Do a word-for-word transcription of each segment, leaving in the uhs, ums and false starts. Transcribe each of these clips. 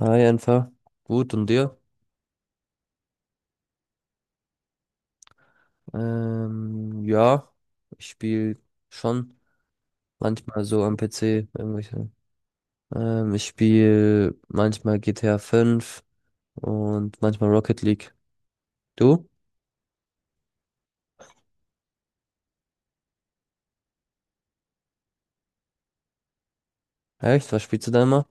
Hi, einfach. Gut, und dir? Ähm, ja, ich spiele schon manchmal so am P C irgendwelche. Ähm, ich spiele manchmal G T A fünf und manchmal Rocket League. Du? Echt? Was spielst du da immer?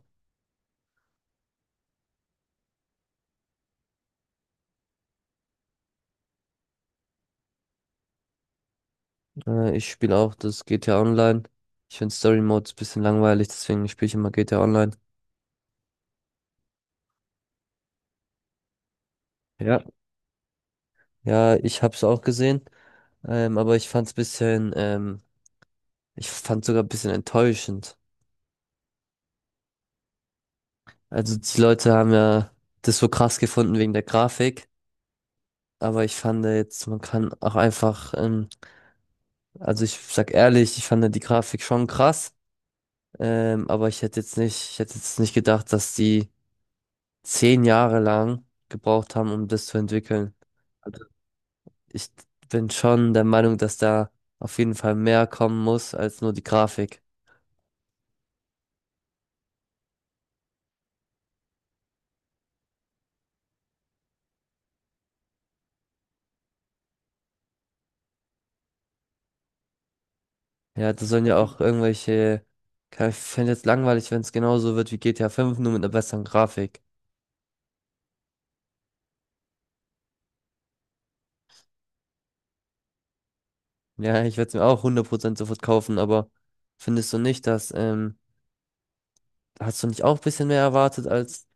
Äh, ich spiele auch das G T A Online. Ich finde Story Mode ein bisschen langweilig, deswegen spiele ich immer G T A Online. Ja. Ja, ich hab's auch gesehen, ähm, aber ich fand's bisschen, ähm, ich fand's sogar ein bisschen enttäuschend. Also die Leute haben ja das so krass gefunden wegen der Grafik, aber ich fand jetzt, man kann auch einfach, ähm, also ich sag ehrlich, ich fand die Grafik schon krass, ähm, aber ich hätte jetzt nicht, ich hätte jetzt nicht gedacht, dass die zehn Jahre lang gebraucht haben, um das zu entwickeln. Also ich bin schon der Meinung, dass da auf jeden Fall mehr kommen muss als nur die Grafik. Ja, da sollen ja auch irgendwelche, keine- ich fände jetzt langweilig, wenn es genauso wird wie GTA fünf nur mit einer besseren Grafik. Ja, ich werde es mir auch hundert Prozent sofort kaufen, aber findest du nicht, dass, ähm, hast du nicht auch ein bisschen mehr erwartet als,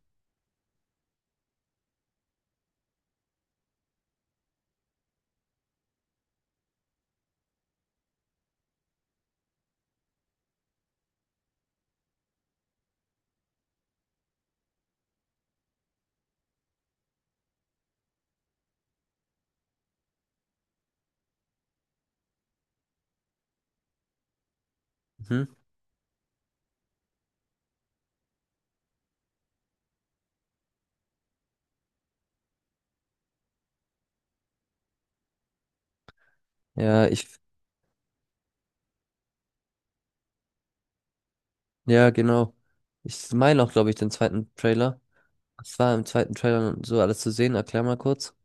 hm? Ja, ich, ja, genau. Ich meine auch, glaube ich, den zweiten Trailer. Was war im zweiten Trailer so alles zu sehen? Erklär mal kurz.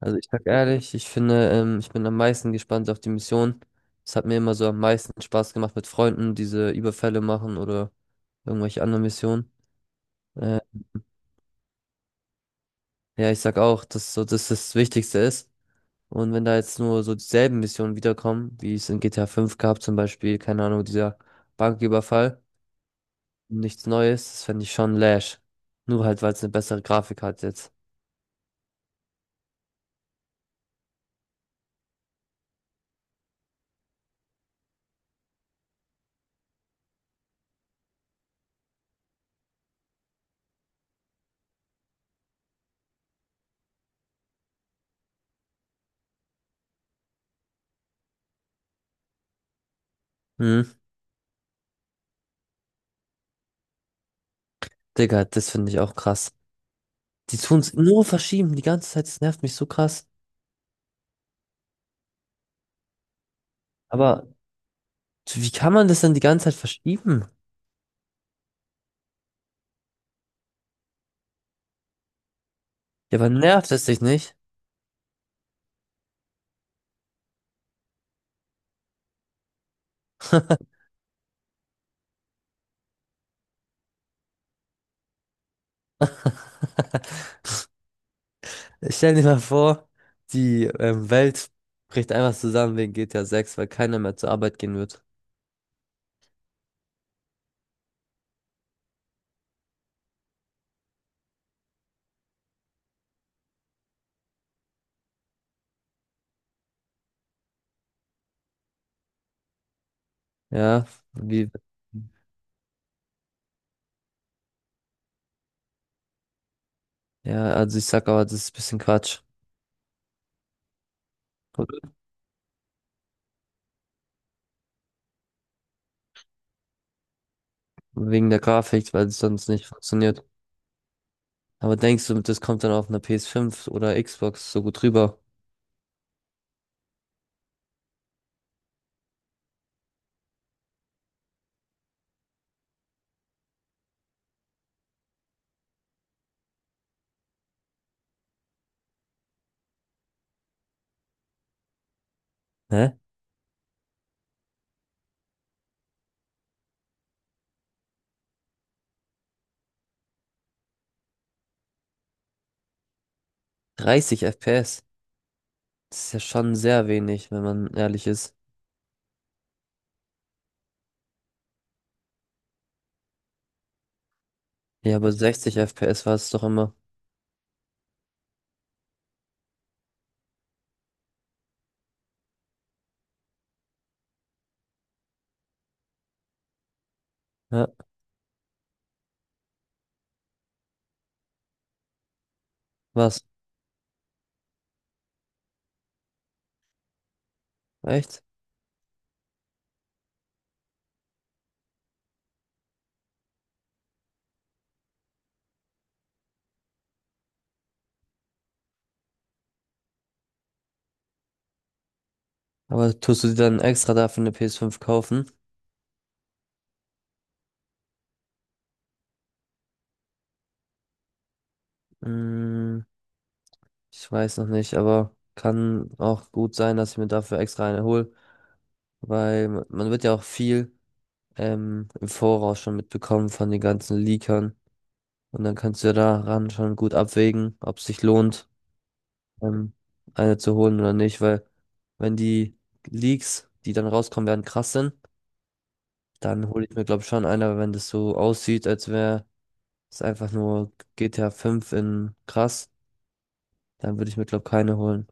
Also ich sag ehrlich, ich finde, ähm, ich bin am meisten gespannt auf die Mission. Es hat mir immer so am meisten Spaß gemacht mit Freunden, diese Überfälle machen oder irgendwelche anderen Missionen. Äh, ja, ich sag auch, dass so das das Wichtigste ist. Und wenn da jetzt nur so dieselben Missionen wiederkommen, wie es in G T A fünf gab, zum Beispiel, keine Ahnung, dieser Banküberfall, nichts Neues, das fände ich schon lash. Nur halt, weil es eine bessere Grafik hat jetzt. Hm, Digga, das finde ich auch krass. Die tun's nur verschieben, die ganze Zeit, das nervt mich so krass. Aber wie kann man das denn die ganze Zeit verschieben? Ja, aber nervt es dich nicht? Ich stell dir mal vor, die ähm, Welt bricht einfach zusammen wegen G T A sechs, weil keiner mehr zur Arbeit gehen wird. Ja, wie ja, also ich sag aber, das ist ein bisschen Quatsch. Wegen der Grafik, weil es sonst nicht funktioniert. Aber denkst du, das kommt dann auf einer P S fünf oder Xbox so gut rüber? Hä? dreißig F P S? Das ist ja schon sehr wenig, wenn man ehrlich ist. Ja, aber sechzig F P S war es doch immer. Ja, was? Echt? Aber tust du dir dann extra dafür eine P S fünf kaufen? Hm, ich weiß noch nicht, aber kann auch gut sein, dass ich mir dafür extra eine hole. Weil man man wird ja auch viel ähm, im Voraus schon mitbekommen von den ganzen Leakern. Und dann kannst du ja daran schon gut abwägen, ob es sich lohnt, ähm, eine zu holen oder nicht, weil wenn die Leaks, die dann rauskommen werden, krass sind, dann hole ich mir, glaube ich, schon eine, aber wenn das so aussieht, als wäre es einfach nur G T A fünf in krass, dann würde ich mir, glaube ich, keine holen.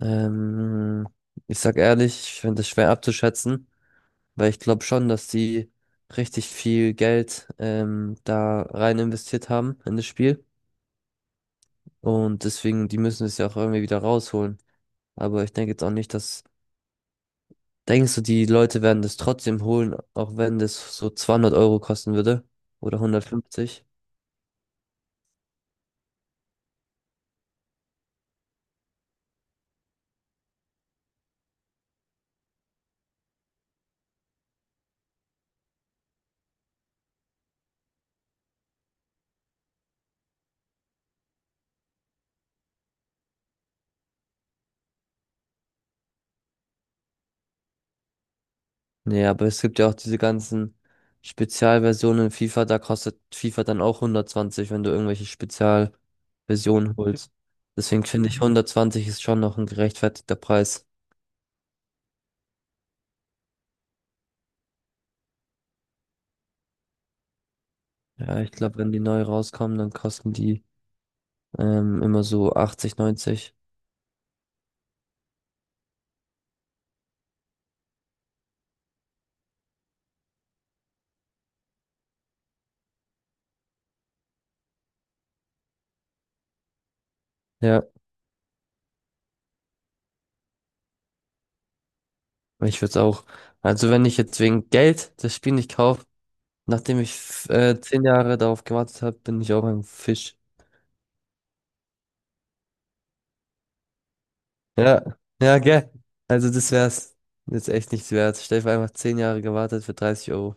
Ähm, Ich sag ehrlich, ich finde es schwer abzuschätzen, weil ich glaube schon, dass die richtig viel Geld ähm, da rein investiert haben in das Spiel. Und deswegen, die müssen es ja auch irgendwie wieder rausholen. Aber ich denke jetzt auch nicht, dass... Denkst du, die Leute werden das trotzdem holen, auch wenn das so zweihundert Euro kosten würde? Oder hundertfünfzig? Nee, aber es gibt ja auch diese ganzen Spezialversionen in FIFA. Da kostet FIFA dann auch hundertzwanzig, wenn du irgendwelche Spezialversionen holst. Deswegen finde ich, hundertzwanzig ist schon noch ein gerechtfertigter Preis. Ja, ich glaube, wenn die neu rauskommen, dann kosten die ähm, immer so achtzig, neunzig. Ja, ich würde es auch. Also wenn ich jetzt wegen Geld das Spiel nicht kaufe, nachdem ich f- äh, zehn Jahre darauf gewartet habe, bin ich auch ein Fisch. Ja, ja, gell. Also das wär's jetzt echt nichts wert. Stell dir vor, einfach zehn Jahre gewartet für dreißig Euro.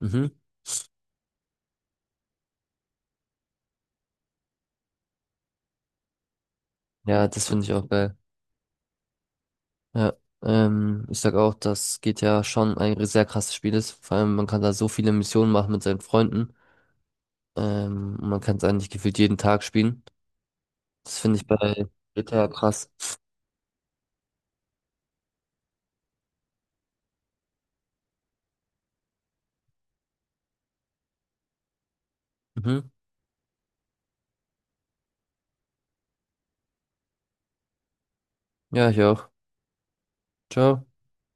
Mhm. Ja, das finde ich auch geil. Ja. Ähm, ich sag auch, dass G T A schon ein sehr krasses Spiel ist. Vor allem, man kann da so viele Missionen machen mit seinen Freunden. Ähm, und man kann es eigentlich gefühlt jeden Tag spielen. Das finde ich bei G T A krass. Mhm. Ja, ich auch. Ciao.